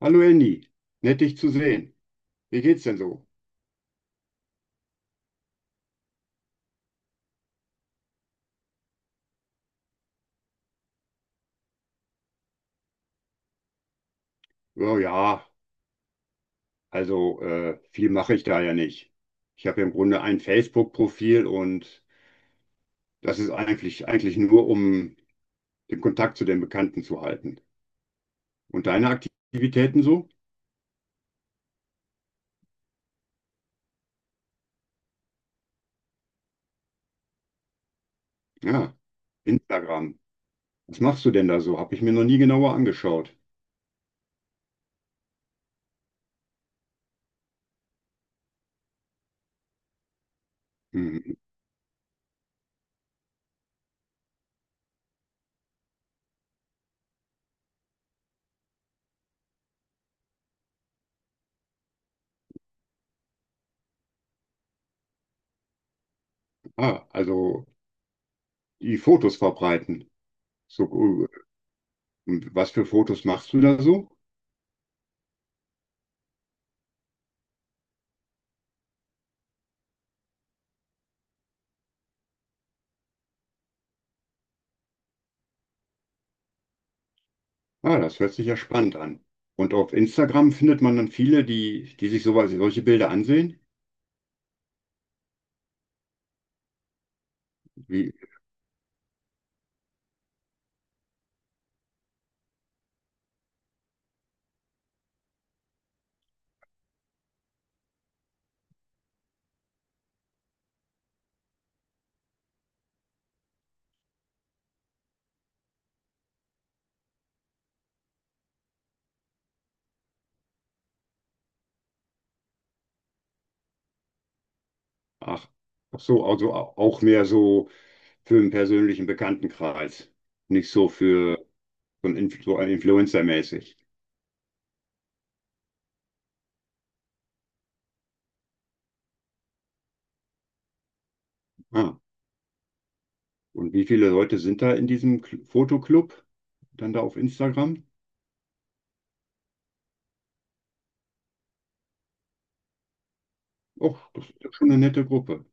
Hallo Andy, nett dich zu sehen. Wie geht's denn so? Oh ja, also viel mache ich da ja nicht. Ich habe ja im Grunde ein Facebook-Profil und das ist eigentlich nur, um den Kontakt zu den Bekannten zu halten. Und deine Aktivitäten so? Ja, Instagram. Was machst du denn da so? Habe ich mir noch nie genauer angeschaut. Hm, ah, also die Fotos verbreiten. So, äh, und was für Fotos machst du da so? Ah, das hört sich ja spannend an. Und auf Instagram findet man dann viele, die sich solche Bilder ansehen. Wie, ach, ach so, also auch mehr so für einen persönlichen Bekanntenkreis. Nicht so für so ein Influencer-mäßig. Ah, und wie viele Leute sind da in diesem Fotoclub? Dann da auf Instagram? Och, das ist ja schon eine nette Gruppe.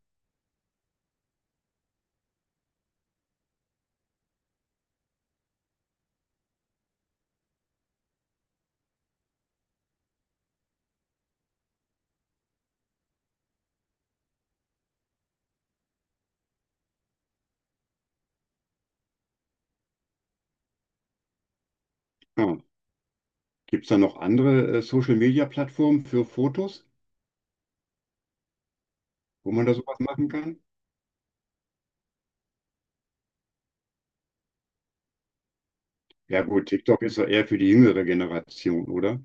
Ah, gibt es da noch andere Social-Media-Plattformen für Fotos, wo man da sowas machen kann? Ja gut, TikTok ist ja eher für die jüngere Generation, oder?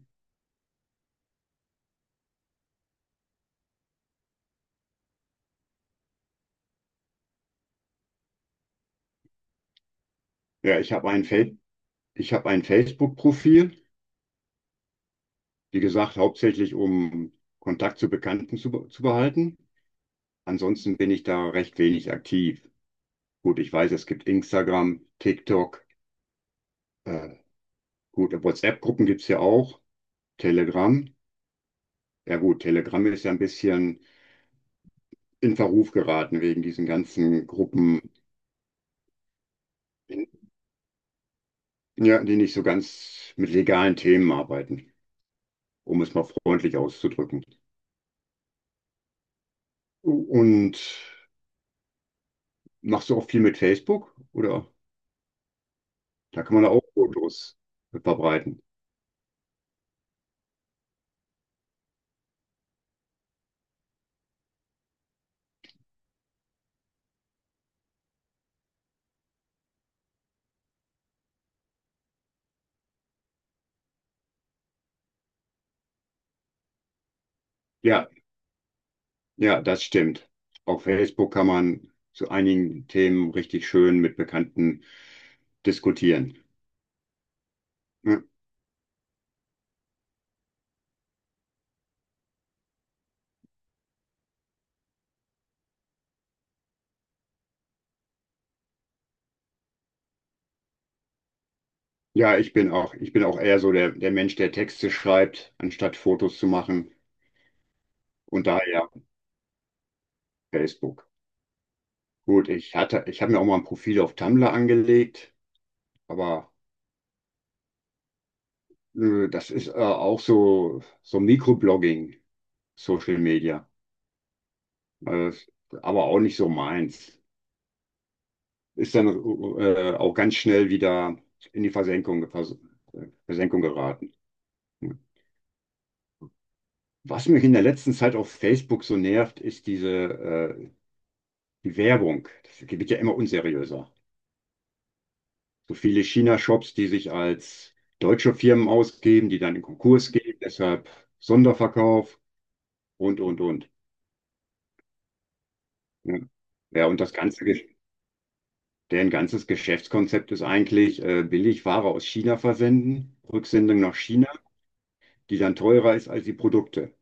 Ja, ich habe ich habe ein Facebook-Profil, wie gesagt, hauptsächlich um Kontakt zu Bekannten zu behalten. Ansonsten bin ich da recht wenig aktiv. Gut, ich weiß, es gibt Instagram, TikTok, äh, gut, WhatsApp-Gruppen gibt's ja auch, Telegram. Ja gut, Telegram ist ja ein bisschen in Verruf geraten wegen diesen ganzen Gruppen, ja, die nicht so ganz mit legalen Themen arbeiten, um es mal freundlich auszudrücken. Und machst du auch viel mit Facebook? Oder da kann man auch Fotos verbreiten. Ja, ja, das stimmt. Auf Facebook kann man zu einigen Themen richtig schön mit Bekannten diskutieren. Ja, ja, ich bin auch eher so der Mensch, der Texte schreibt, anstatt Fotos zu machen. Und daher Facebook. Gut, ich habe mir auch mal ein Profil auf Tumblr angelegt, aber das ist auch so Mikroblogging, Social Media. Das- aber auch nicht so meins. Ist dann auch ganz schnell wieder in die Versenkung geraten. Was mich in der letzten Zeit auf Facebook so nervt, ist die Werbung. Das wird ja immer unseriöser. So viele China-Shops, die sich als deutsche Firmen ausgeben, die dann in Konkurs gehen, deshalb Sonderverkauf und, und. Ja, ja und deren ganzes Geschäftskonzept ist eigentlich billig Ware aus China versenden, Rücksendung nach China. Die dann teurer ist als die Produkte,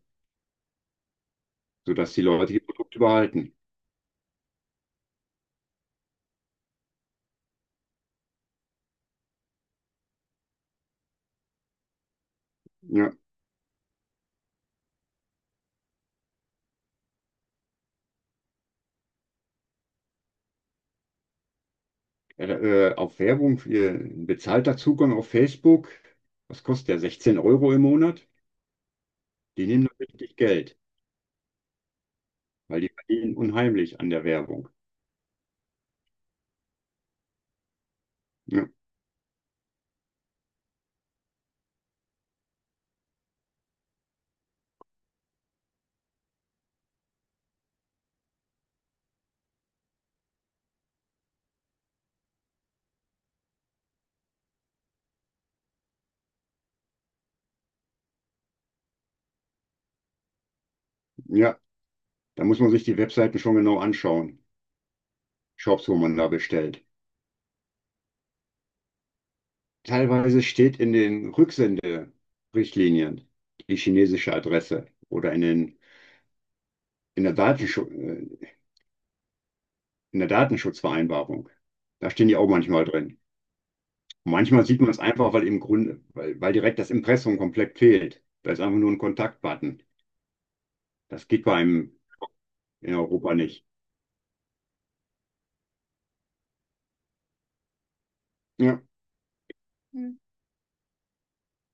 sodass die Leute die Produkte behalten. Ja. Äh, äh, auf Werbung, äh, bezahlter Zugang auf Facebook, was kostet der? 16 Euro im Monat? Die nehmen da richtig Geld, weil die verdienen unheimlich an der Werbung. Ja. Ja, da muss man sich die Webseiten schon genau anschauen, Shops, wo man da bestellt. Teilweise steht in den Rücksenderichtlinien die chinesische Adresse oder in, der Datenschutz, äh, in der Datenschutzvereinbarung. Da stehen die auch manchmal drin. Manchmal sieht man es einfach, weil im Grunde, weil, weil direkt das Impressum komplett fehlt. Da ist einfach nur ein Kontaktbutton. Das geht bei einem in Europa nicht. Ja.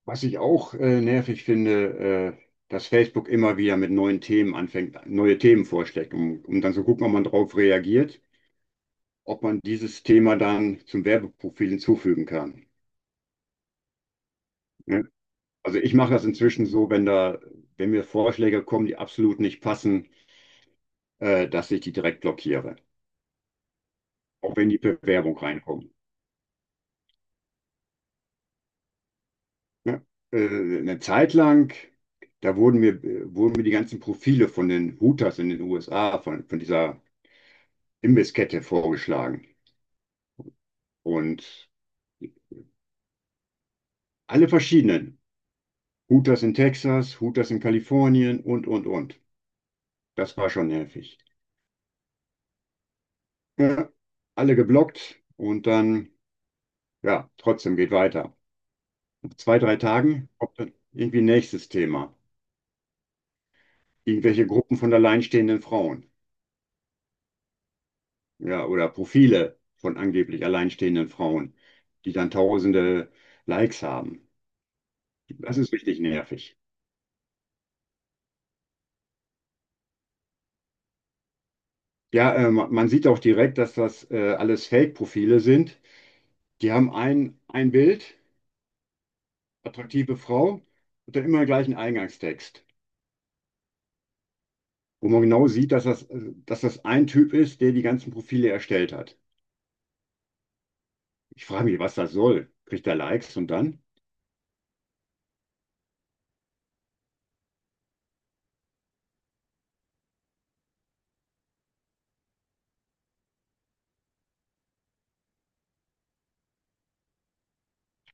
Was ich auch nervig finde, dass Facebook immer wieder mit neuen Themen anfängt, neue Themen vorschlägt, um dann zu gucken, ob man darauf reagiert, ob man dieses Thema dann zum Werbeprofil hinzufügen kann. Ne? Also ich mache das inzwischen so, wenn mir Vorschläge kommen, die absolut nicht passen, dass ich die direkt blockiere, auch wenn die Bewerbung reinkommt. Ja, eine Zeit lang, da wurden mir die ganzen Profile von den Hooters in den USA, von dieser Imbisskette vorgeschlagen. Und alle verschiedenen. Hooters in Texas, Hooters in Kalifornien und, und. Das war schon nervig. Ja, alle geblockt und dann, ja, trotzdem geht weiter. Nach zwei, drei Tagen kommt dann irgendwie nächstes Thema. Irgendwelche Gruppen von alleinstehenden Frauen. Ja, oder Profile von angeblich alleinstehenden Frauen, die dann tausende Likes haben. Das ist richtig nervig. Ja, man sieht auch direkt, dass das alles Fake-Profile sind. Die haben ein Bild, attraktive Frau, und dann immer den gleichen Eingangstext, wo man genau sieht, dass das ein Typ ist, der die ganzen Profile erstellt hat. Ich frage mich, was das soll. Kriegt er Likes und dann?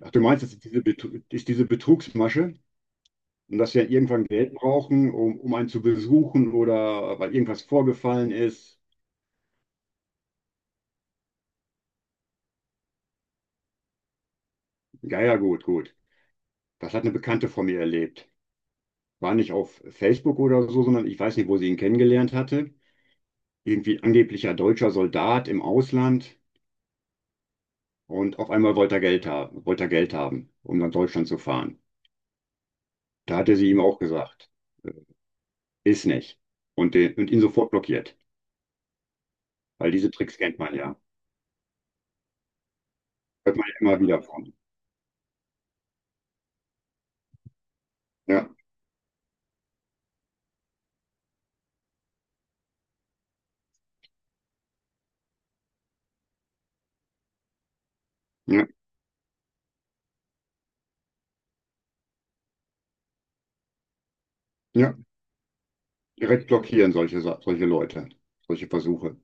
Ach, du meinst, das ist diese Betrugsmasche? Und dass wir irgendwann Geld brauchen, um einen zu besuchen oder weil irgendwas vorgefallen ist. Ja, ja, gut, gut. Das hat eine Bekannte von mir erlebt. War nicht auf Facebook oder so, sondern ich weiß nicht, wo sie ihn kennengelernt hatte. Irgendwie angeblicher deutscher Soldat im Ausland. Und auf einmal wollte er Geld haben, wollte er Geld haben, um nach Deutschland zu fahren. Da hatte sie ihm auch gesagt, äh, ist nicht. Und ihn sofort blockiert. Weil diese Tricks kennt man ja. Hört man ja immer wieder von. Ja, ja, ja. Direkt blockieren, solche Leute, solche Versuche.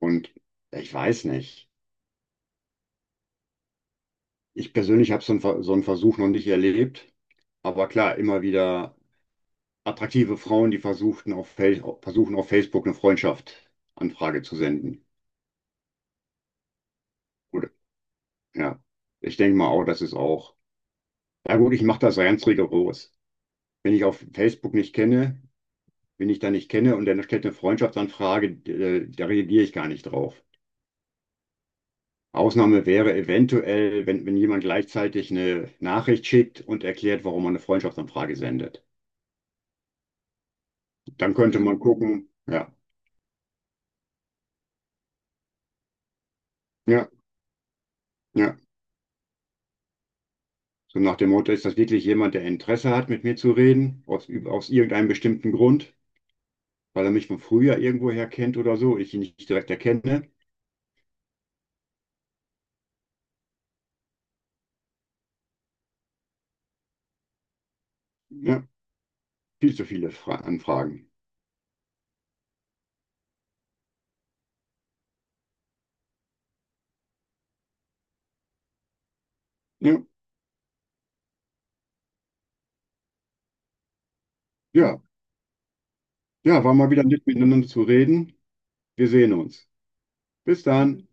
Und ich weiß nicht. Ich persönlich habe so einen Versuch noch nicht erlebt. Aber klar, immer wieder attraktive Frauen, die versuchen auf Facebook eine Freundschaftsanfrage zu senden. Gut, ja. Ich denke mal auch, das ist auch. Ja gut, ich mache das ganz rigoros. Wenn ich auf Facebook nicht kenne, wenn ich da nicht kenne und dann stellt eine Freundschaftsanfrage, da reagiere ich gar nicht drauf. Ausnahme wäre eventuell, wenn jemand gleichzeitig eine Nachricht schickt und erklärt, warum man eine Freundschaftsanfrage sendet. Dann könnte man gucken, ja, ja, ja. So nach dem Motto, ist das wirklich jemand, der Interesse hat, mit mir zu reden, aus irgendeinem bestimmten Grund, weil er mich von früher irgendwoher kennt oder so, ich ihn nicht direkt erkenne. Ja, viel zu viele Fra Anfragen. Ja, ja, ja, war mal wieder nett miteinander zu reden. Wir sehen uns. Bis dann.